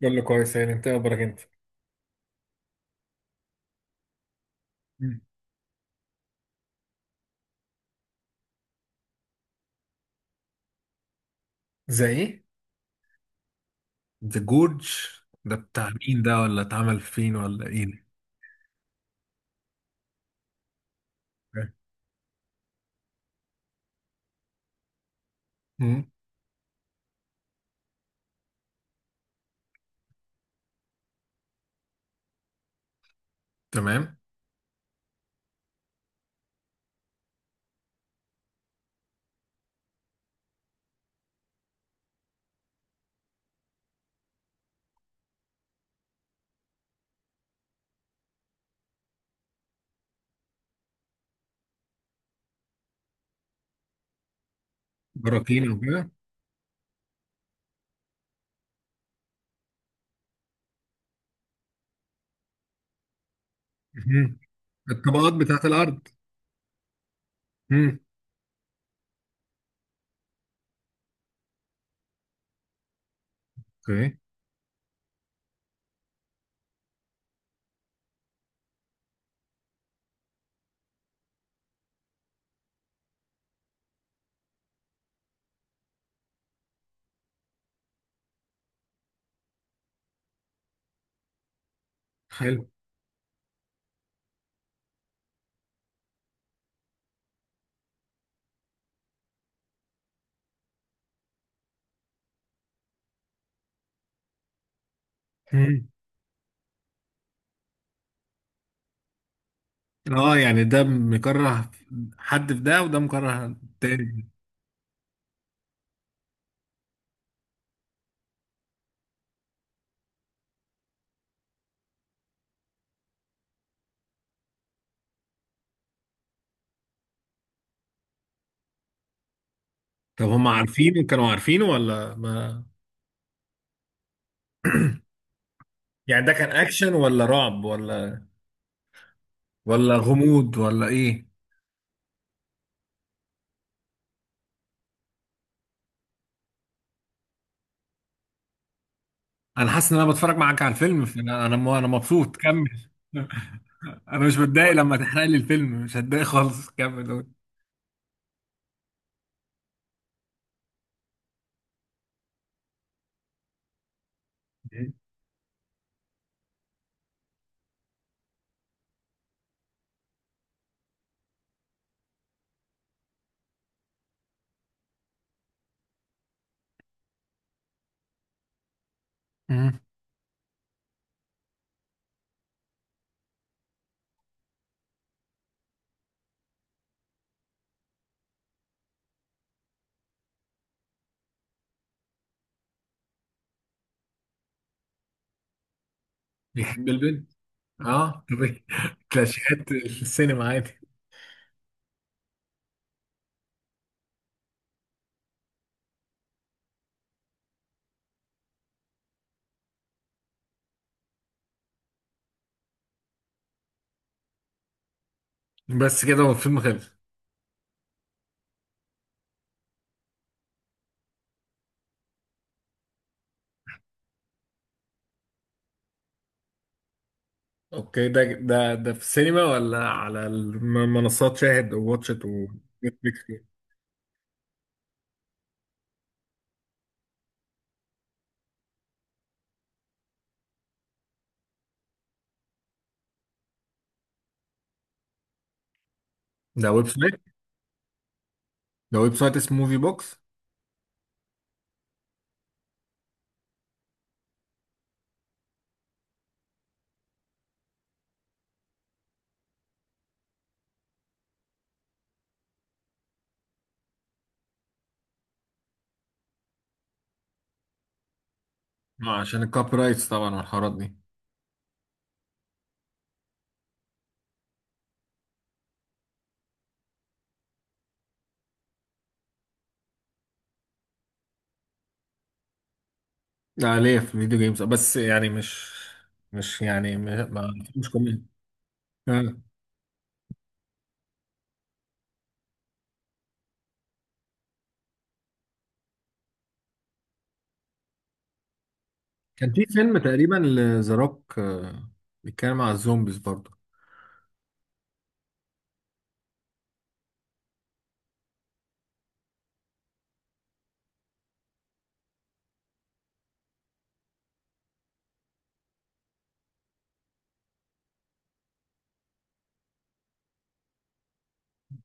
كله كويس يعني، انت إيه اخبارك انت؟ مم. زي ايه؟ ذا جورج ده بتاع مين؟ ده ولا اتعمل فين ولا ايه؟ مم. تمام. براكين وكده. مم. الطبقات بتاعت الارض. مم. اوكي. حلو. مم. اه يعني ده مكره حد في ده، وده مكره تاني؟ طب هم عارفينه، كانوا عارفينه ولا ما؟ يعني ده كان اكشن ولا رعب ولا ولا غموض ولا ايه؟ انا حاسس ان انا بتفرج معاك على الفيلم، فانا انا مبسوط، كمل. انا مش متضايق لما تحرق لي الفيلم، مش هتضايق خالص، كمل قول. مم. بيحب البنت. اه طب كلاشيهات السينما عادي. بس كده هو الفيلم خلص؟ اوكي. ده ده في السينما ولا على منصات شاهد وواتشت ونتفليكس؟ ده ويب سايت؟ ده ويب سايت اسمه موفي بوكس. عشان الكوبي رايتس طبعا والحوارات دي. لا ليه في الفيديو جيمز، بس يعني مش مش كومنت. كان في فيلم تقريبا لذا روك، بيتكلم على الزومبيز برضه.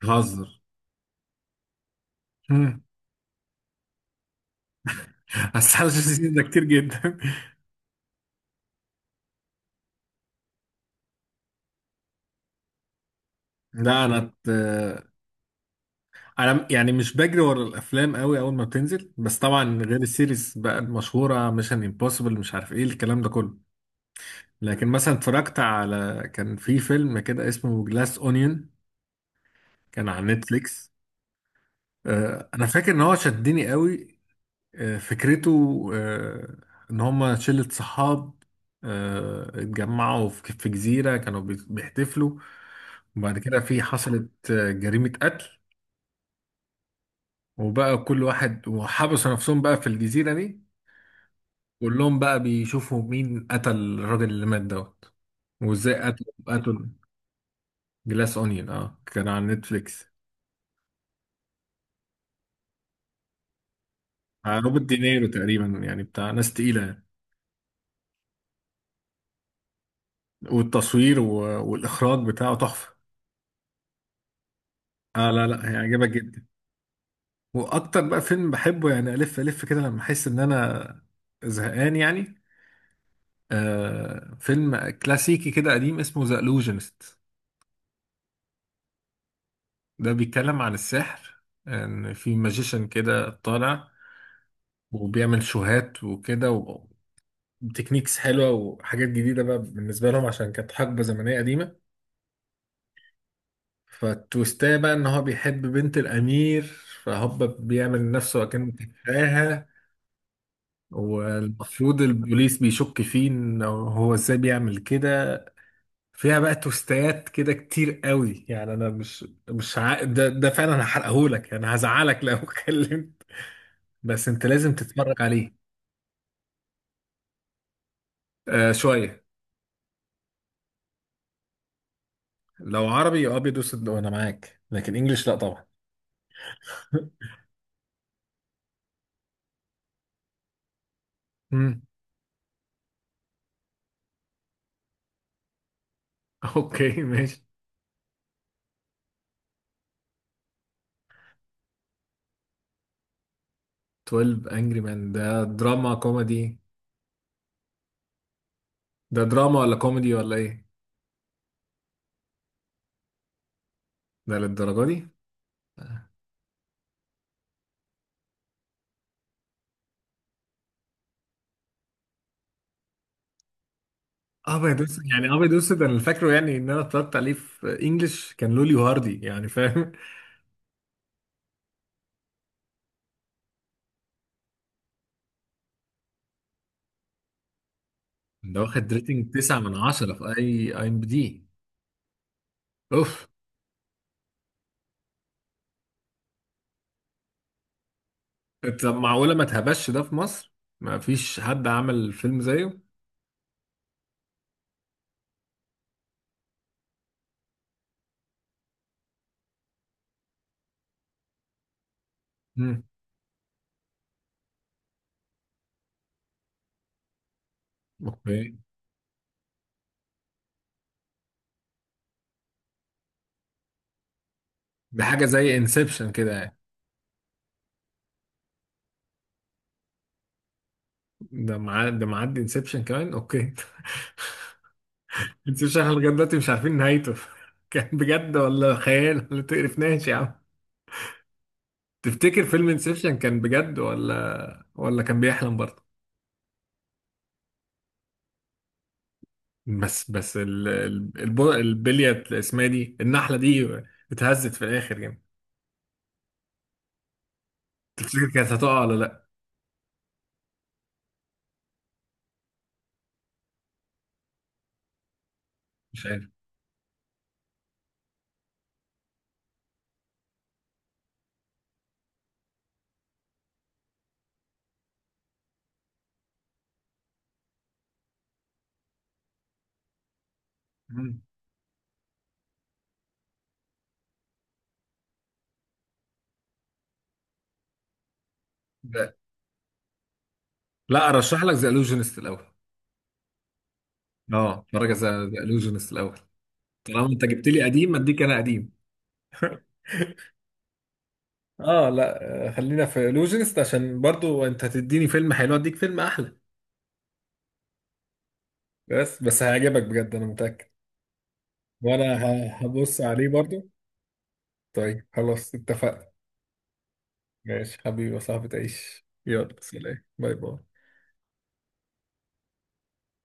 بتهزر. مم. بس 25 سيزون ده كتير جدا. لا انا ت... انا يعني مش بجري ورا الافلام قوي اول ما بتنزل، بس طبعا غير السيريز بقى المشهوره ميشن امبوسيبل مش عارف ايه الكلام ده كله. لكن مثلا اتفرجت على، كان في فيلم كده اسمه جلاس اونيون، كان على نتفليكس. انا فاكر ان هو شدني قوي. فكرته، ان هما شلة صحاب، اتجمعوا في جزيرة كانوا بيحتفلوا، وبعد كده في، حصلت جريمة قتل. وبقى كل واحد، وحبسوا نفسهم بقى في الجزيرة دي، كلهم بقى بيشوفوا مين قتل الراجل اللي مات دوت، وازاي قتل. جلاس اونيون، اه كان على نتفليكس. روبرت دينيرو تقريبا، يعني بتاع ناس تقيلة يعني. والإخراج بتاعه تحفة. اه لا لا هيعجبك جدا. واكتر بقى فيلم بحبه، يعني الف الف كده لما احس ان انا زهقان يعني، آه فيلم كلاسيكي كده قديم اسمه ذا الوجنست. ده بيتكلم عن السحر، ان في ماجيشن كده طالع وبيعمل شوهات وكده وتكنيكس حلوه وحاجات جديده بقى بالنسبه لهم عشان كانت حقبه زمنيه قديمه. فالتويستايه بقى ان هو بيحب بنت الامير، فهوبا بيعمل نفسه اكنه بيحبها. والمفروض البوليس بيشك فيه ان هو ازاي بيعمل كده. فيها بقى توستات كده كتير قوي يعني، انا مش مش ع... ده ده فعلا هحرقهولك، انا هزعلك لو اتكلمت. بس انت لازم تتفرج عليه. آه شوية. لو عربي ابيض واسود انا معاك، لكن انجليش لا طبعا. امم. اوكي ماشي. 12 انجري مان ده دراما كوميدي؟ ده دراما ولا كوميدي ولا ايه؟ ده للدرجة دي؟ ابيض اسود يعني، ابيض اسود انا فاكره، يعني ان انا اتفرجت عليه في انجلش، كان لولي وهاردي يعني فاهم. ده واخد ريتنج 9 من 10 في اي اي ام بي دي. اوف. طب معقوله ما اتهبش ده في مصر؟ ما فيش حد عمل فيلم زيه؟ امم. اوكي. ده حاجه زي انسبشن كده يعني. ده مع ده، معدي انسبشن كمان، اوكي. انسبشن احنا لغايه دلوقتي مش عارفين نهايته. كان بجد ولا خيال؟ ولا تقرفناش يا عم. تفتكر فيلم انسبشن كان بجد، ولا ولا كان بيحلم برضه؟ بس بس ال- ال- الب- البلية اسمها دي، النحلة دي اتهزت في الآخر يعني، تفتكر كانت هتقع ولا لأ؟ مش عارف. مم. لا، لا، أرشح لك ذا إلوجينست الأول. أه اتفرج على ذا إلوجينست الأول. طالما أنت جبت لي قديم أديك أنا قديم. أه لا خلينا في إلوجينست، عشان برضو أنت هتديني فيلم حلو أديك فيلم أحلى. بس هيعجبك بجد، أنا متأكد. هبص عليه برضو. طيب خلاص اتفقنا. ماشي حبيبي يا صاحبي، تعيش، يلا سلام، باي باي.